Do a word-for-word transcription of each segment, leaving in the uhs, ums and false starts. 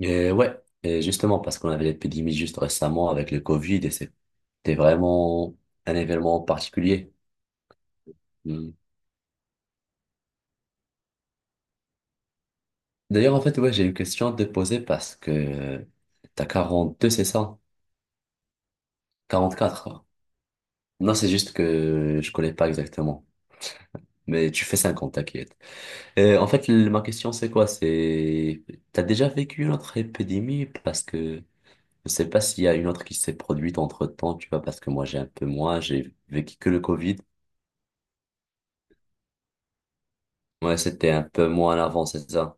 Et ouais, et justement, parce qu'on avait l'épidémie juste récemment avec le Covid et c'était vraiment un événement particulier. Mm. D'ailleurs, en fait, ouais, j'ai une question à te poser parce que t'as quarante-deux c'est ça? Quatre. Non, c'est juste que je connais pas exactement. Mais tu fais cinquante t'inquiète. Et en fait, le- ma question, c'est quoi? C'est, t'as déjà vécu une autre épidémie? Parce que je sais pas s'il y a une autre qui s'est produite entre-temps, tu vois, parce que moi, j'ai un peu moins, j'ai vécu que le Covid. Ouais, c'était un peu moins en avant, c'est ça.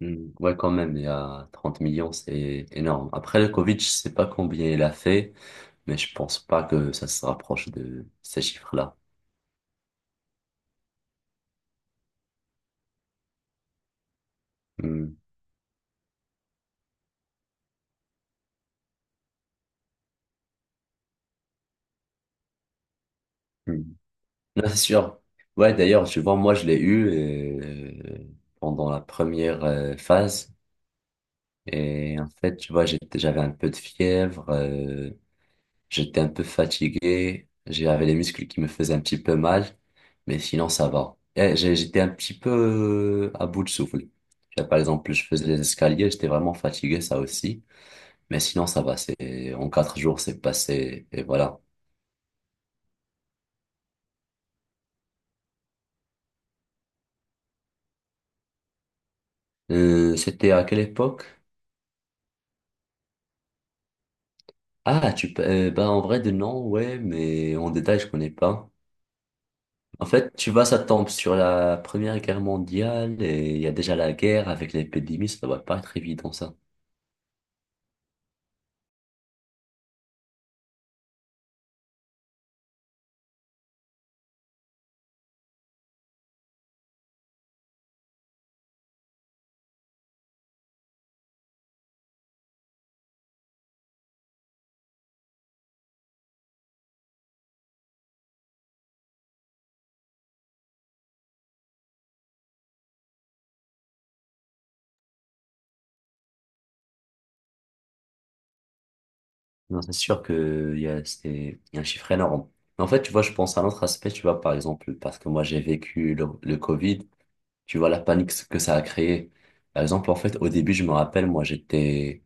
Hmm, ouais, quand même, il y a trente millions, c'est énorme. Après, le Covid, je sais pas combien il a fait, mais je pense pas que ça se rapproche de ces chiffres-là. Hmm, hmm. Non, c'est sûr. Ouais, d'ailleurs, tu vois, moi, je l'ai eu euh, pendant la première euh, phase. Et en fait, tu vois, j'étais- j'avais un peu de fièvre. euh, J'étais un peu fatigué, j'avais les muscles qui me faisaient un petit peu mal, mais sinon ça va. Et j'ai- j'étais un petit peu euh, à bout de souffle. Là, par exemple, je faisais les escaliers, j'étais vraiment fatigué, ça aussi. Mais sinon ça va, c'est en quatre jours c'est passé et voilà. Euh, c'était à quelle époque? Ah, tu peux- euh, bah en vrai de non, ouais, mais en détail je connais pas. En fait, tu vois, ça tombe sur la Première Guerre mondiale et il y a déjà la guerre avec l'épidémie, ça doit pas être évident ça. Non, c'est sûr que il y a, c'est- il y a un chiffre énorme. Mais en fait, tu vois, je pense à un autre aspect, tu vois, par exemple, parce que moi, j'ai vécu le, le Covid, tu vois, la panique que ça a créé. Par exemple, en fait, au début, je me rappelle, moi, j'étais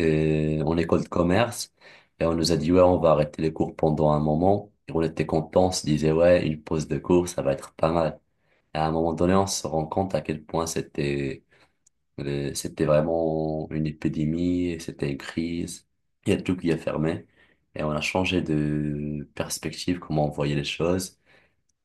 euh, en école de commerce et on nous a dit, ouais, on va arrêter les cours pendant un moment. Et on était contents, on se disait, ouais, une pause de cours, ça va être pas mal. Et à un moment donné, on se rend compte à quel point c'était euh, C'était vraiment une épidémie, et c'était une crise. Il y a tout qui a fermé. Et on a changé de perspective, comment on voyait les choses.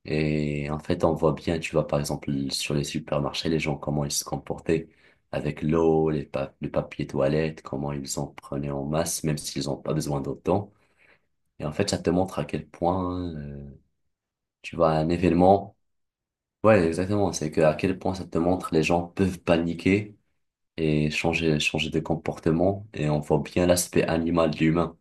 Et en fait, on voit bien, tu vois, par exemple, sur les supermarchés, les gens, comment ils se comportaient avec l'eau, les pa- le papier toilette, comment ils en prenaient en masse, même s'ils n'ont pas besoin d'autant. Et en fait, ça te montre à quel point, euh, tu vois, un événement, ouais, exactement, c'est que à quel point ça te montre les gens peuvent paniquer et changer, changer de comportement et on voit bien l'aspect animal de l'humain.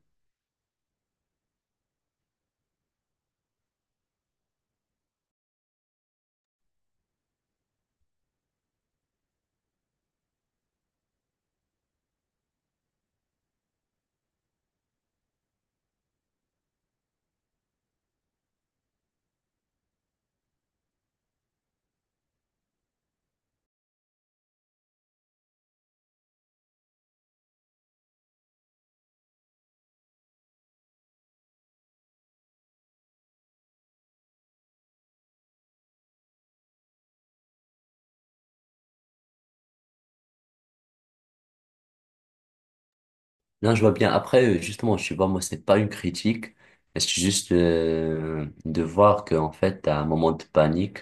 Là, je vois bien. Après, euh, justement, je vois, moi, c'est pas une critique, mais c'est juste euh, de voir qu'en fait, à un moment de panique,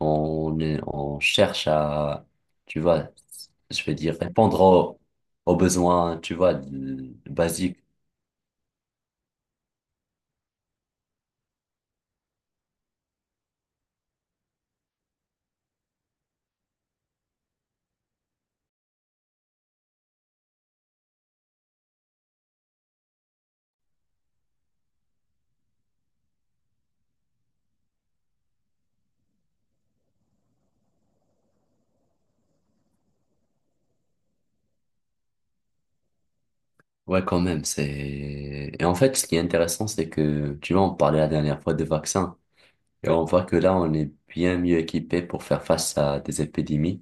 on, est- on cherche à, tu vois, je vais dire, répondre aux, aux besoins, tu vois, de- basiques. Ouais, quand même, c'est... Et en fait, ce qui est intéressant, c'est que, tu vois, on parlait la dernière fois de vaccins. Et on voit que là, on est bien mieux équipé pour faire face à des épidémies.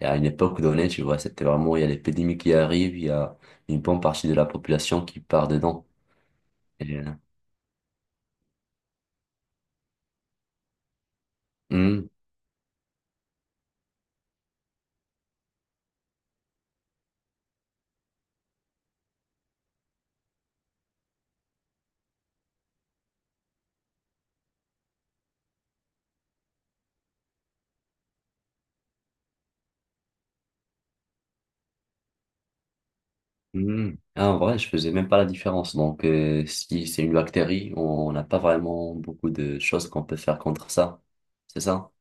Et à une époque donnée, tu vois, c'était vraiment, il y a l'épidémie qui arrive, il y a une bonne partie de la population qui part dedans. Et, euh, hum, hum. Ah, en vrai, je faisais même pas la différence. Donc, euh, si c'est une bactérie, on n'a pas vraiment beaucoup de choses qu'on peut faire contre ça. C'est ça?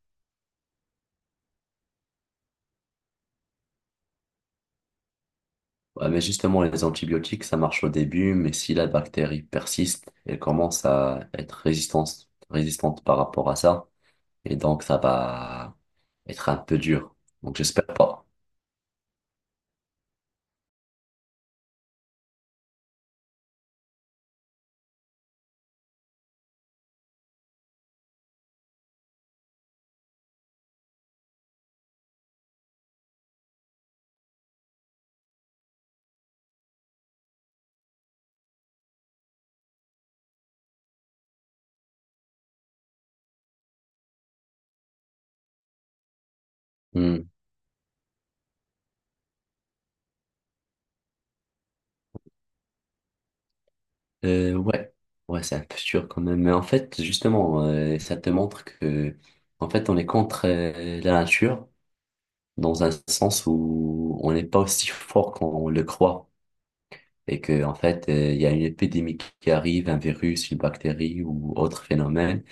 Ouais, mais justement, les antibiotiques, ça marche au début, mais si la bactérie persiste, elle commence à être résistante, résistante par rapport à ça. Et donc, ça va être un peu dur. Donc, j'espère pas. Hmm. Euh, ouais, ouais, c'est un peu dur quand même. Mais en fait, justement, euh, ça te montre que, en fait, on est contre euh, la nature dans un sens où on n'est pas aussi fort qu'on le croit. Et que, en fait, euh, il y a une épidémie qui arrive, un virus, une bactérie ou autre phénomène.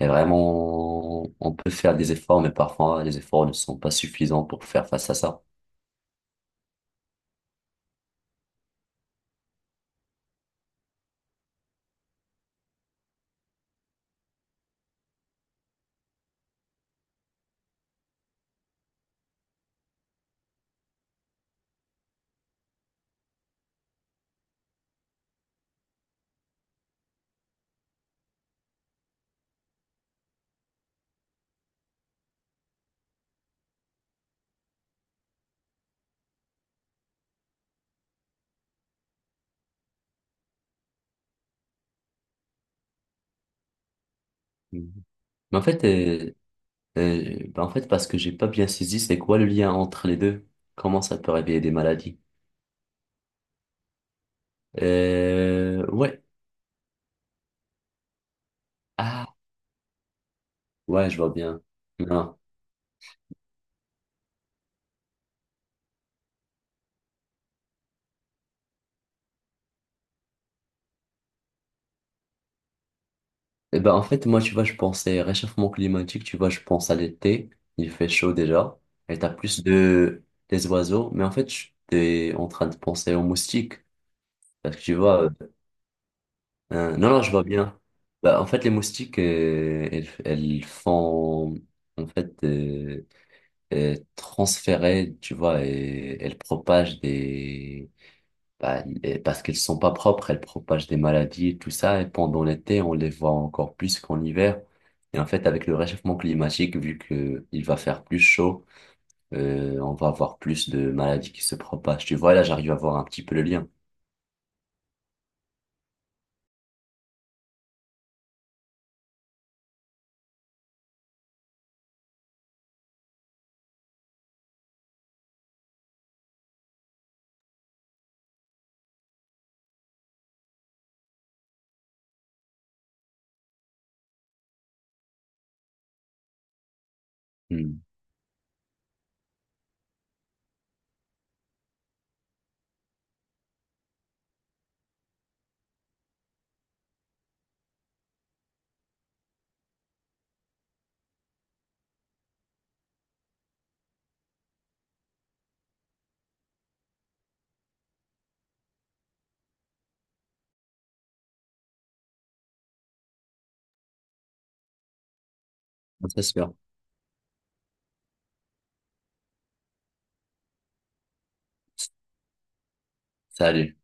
Et vraiment, on peut faire des efforts, mais parfois, les efforts ne sont pas suffisants pour faire face à ça. Mhm. Mais en fait, euh, Euh, bah en fait, parce que j'ai pas bien saisi, c'est quoi le lien entre les deux? Comment ça peut réveiller des maladies? Euh, ouais. Ah, ouais, je vois bien. Non. Eh ben, en fait, moi, tu vois, je pensais réchauffement climatique, tu vois, je pense à l'été, il fait chaud déjà, et t'as plus de, des oiseaux, mais en fait, je t'es en train de penser aux moustiques, parce que tu vois, euh, euh, non, non, je vois bien. Bah, en fait, les moustiques, euh, elles, elles font, en fait, euh, euh, transférées, tu vois, et elles propagent des... bah, et parce qu'elles sont pas propres, elles propagent des maladies et tout ça. Et pendant l'été, on les voit encore plus qu'en hiver. Et en fait, avec le réchauffement climatique, vu que il va faire plus chaud, euh, on va avoir plus de maladies qui se propagent. Tu vois, là, j'arrive à voir un petit peu le lien. Hmm. C'est sûr. Salut.